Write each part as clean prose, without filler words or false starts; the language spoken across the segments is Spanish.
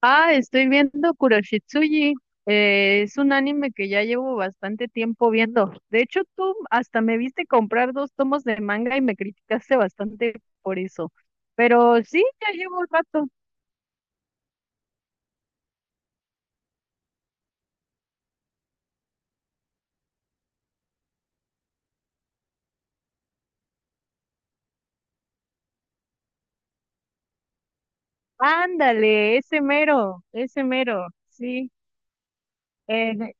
Ah, estoy viendo Kuroshitsuji. Es un anime que ya llevo bastante tiempo viendo. De hecho, tú hasta me viste comprar dos tomos de manga y me criticaste bastante por eso. Pero sí, ya llevo un rato. Ándale, ese mero, sí. Eh,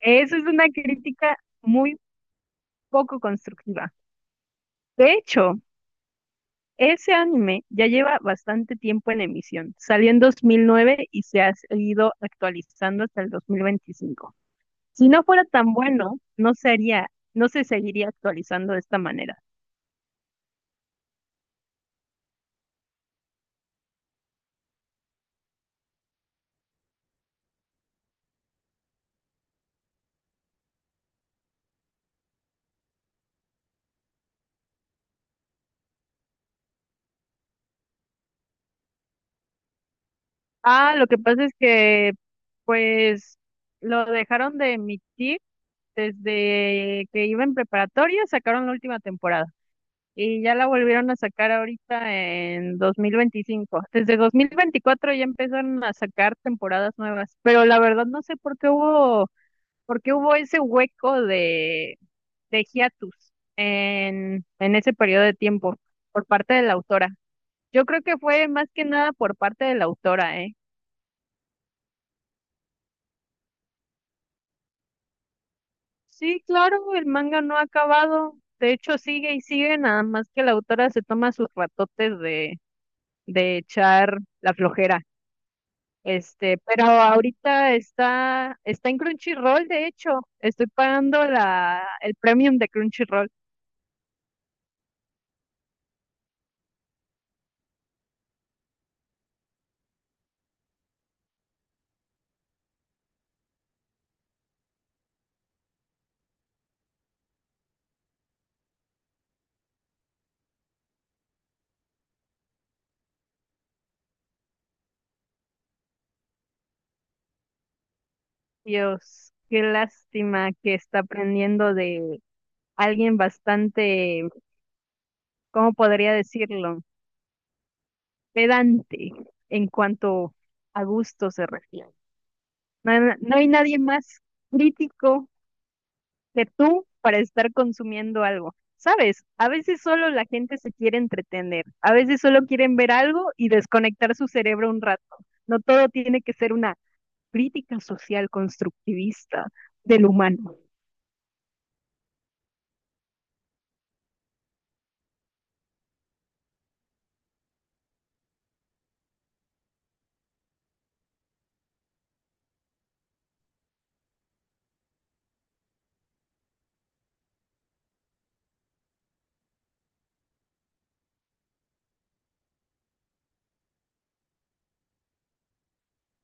eso es una crítica muy poco constructiva. De hecho, ese anime ya lleva bastante tiempo en emisión. Salió en 2009 y se ha ido actualizando hasta el 2025. Si no fuera tan bueno, no sería, no se seguiría actualizando de esta manera. Ah, lo que pasa es que, pues, lo dejaron de emitir desde que iba en preparatoria, sacaron la última temporada y ya la volvieron a sacar ahorita en 2025. Desde 2024 ya empezaron a sacar temporadas nuevas, pero la verdad no sé por qué hubo ese hueco de hiatus en ese periodo de tiempo por parte de la autora. Yo creo que fue más que nada por parte de la autora, ¿eh? Sí, claro, el manga no ha acabado. De hecho, sigue y sigue, nada más que la autora se toma sus ratotes de echar la flojera. Este, pero ahorita está, está en Crunchyroll, de hecho. Estoy pagando la, el premium de Crunchyroll. Dios, qué lástima que está aprendiendo de alguien bastante, ¿cómo podría decirlo? Pedante en cuanto a gusto se refiere. No, no hay nadie más crítico que tú para estar consumiendo algo. Sabes, a veces solo la gente se quiere entretener, a veces solo quieren ver algo y desconectar su cerebro un rato. No todo tiene que ser una crítica social constructivista del humano.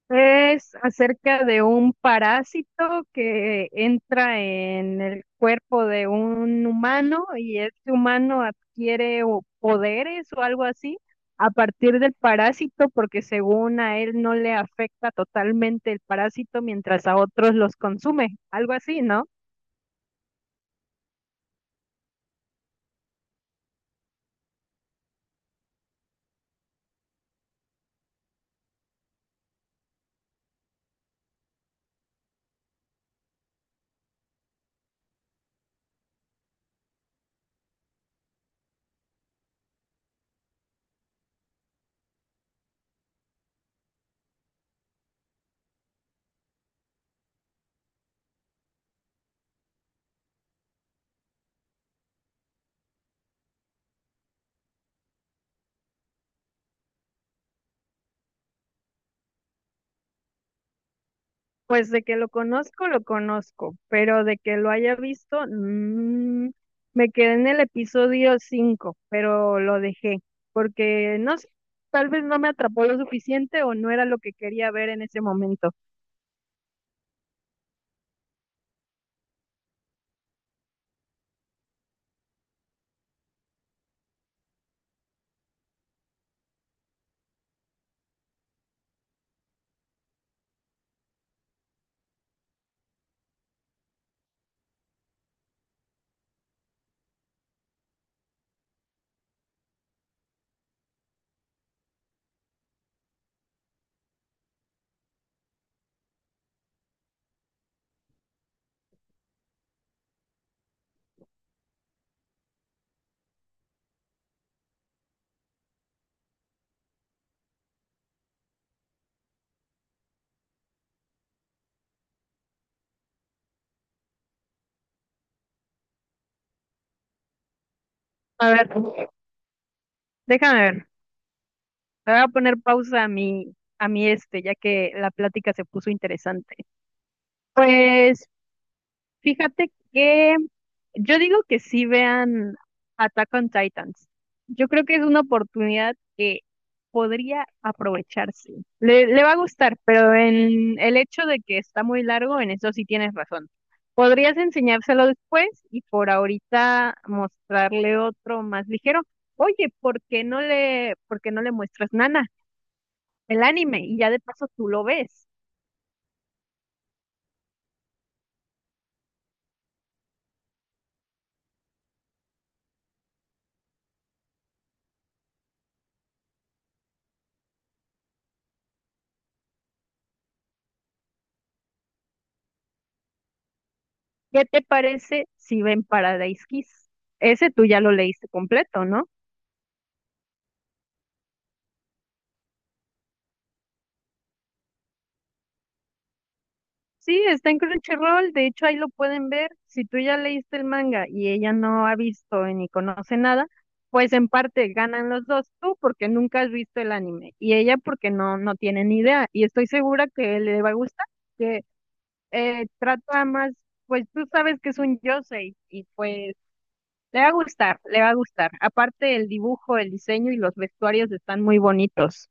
Es acerca de un parásito que entra en el cuerpo de un humano y este humano adquiere o poderes o algo así a partir del parásito porque según a él no le afecta totalmente el parásito mientras a otros los consume, algo así, ¿no? Pues de que lo conozco, pero de que lo haya visto, mm, me quedé en el episodio 5, pero lo dejé, porque no sé, tal vez no me atrapó lo suficiente o no era lo que quería ver en ese momento. A ver, déjame ver, le voy a poner pausa a mi este, ya que la plática se puso interesante. Pues, fíjate que yo digo que sí vean Attack on Titans. Yo creo que es una oportunidad que podría aprovecharse. Le va a gustar, pero en el hecho de que está muy largo, en eso sí tienes razón. Podrías enseñárselo después y por ahorita mostrarle otro más ligero. Oye, ¿por qué no le muestras Nana, el anime? Y ya de paso tú lo ves. ¿Qué te parece si ven Paradise Kiss? Ese tú ya lo leíste completo, ¿no? Sí, está en Crunchyroll, de hecho ahí lo pueden ver. Si tú ya leíste el manga y ella no ha visto ni conoce nada, pues en parte ganan los dos, tú porque nunca has visto el anime y ella porque no, no tiene ni idea. Y estoy segura que le va a gustar, que trata más, pues tú sabes que es un yosei y pues le va a gustar, le va a gustar. Aparte el dibujo, el diseño y los vestuarios están muy bonitos.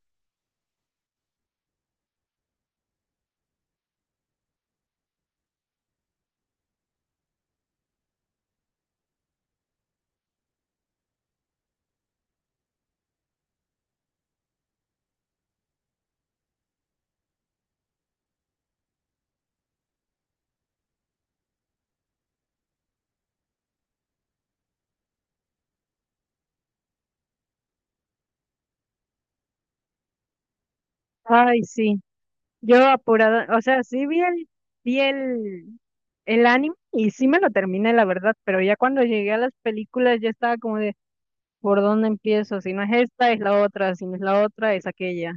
Ay, sí. Yo apurada, o sea, sí vi el anime y sí me lo terminé, la verdad, pero ya cuando llegué a las películas ya estaba como de, ¿por dónde empiezo? Si no es esta, es la otra, si no es la otra, es aquella.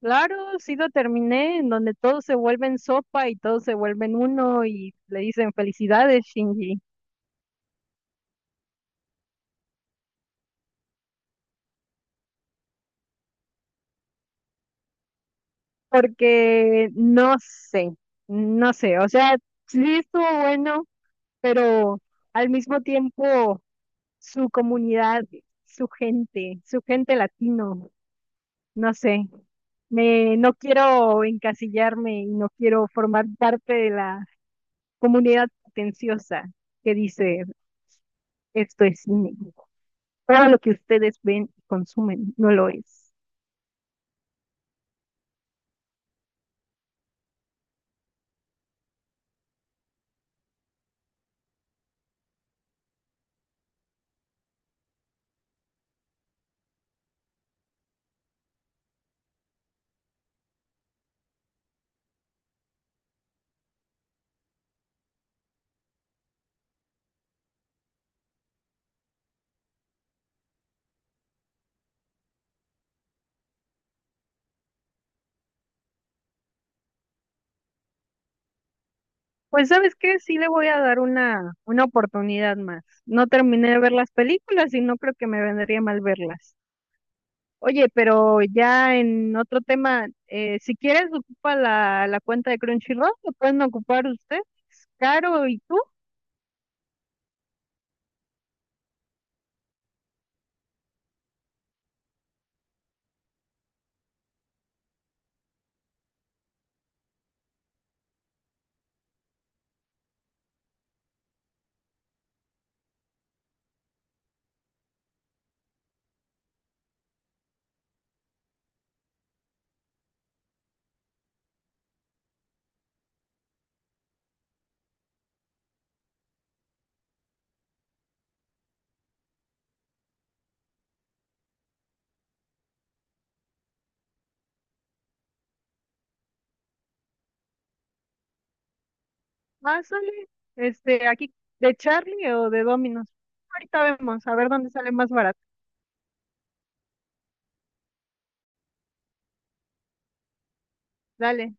Claro, sí lo terminé, en donde todos se vuelven sopa y todos se vuelven uno y le dicen felicidades, Shinji. Porque no sé, no sé, o sea, sí estuvo bueno, pero al mismo tiempo su comunidad, su gente latino, no sé. Me, no quiero encasillarme y no quiero formar parte de la comunidad pretenciosa que dice esto es cine. Todo lo que ustedes ven y consumen no lo es. Pues ¿sabes qué? Sí le voy a dar una oportunidad más. No terminé de ver las películas y no creo que me vendría mal verlas. Oye, pero ya en otro tema, si quieres ocupa la, la cuenta de Crunchyroll, lo pueden ocupar ustedes, Caro y tú, pásale, este, aquí de Charlie o de Dominos. Ahorita vemos, a ver dónde sale más barato. Dale.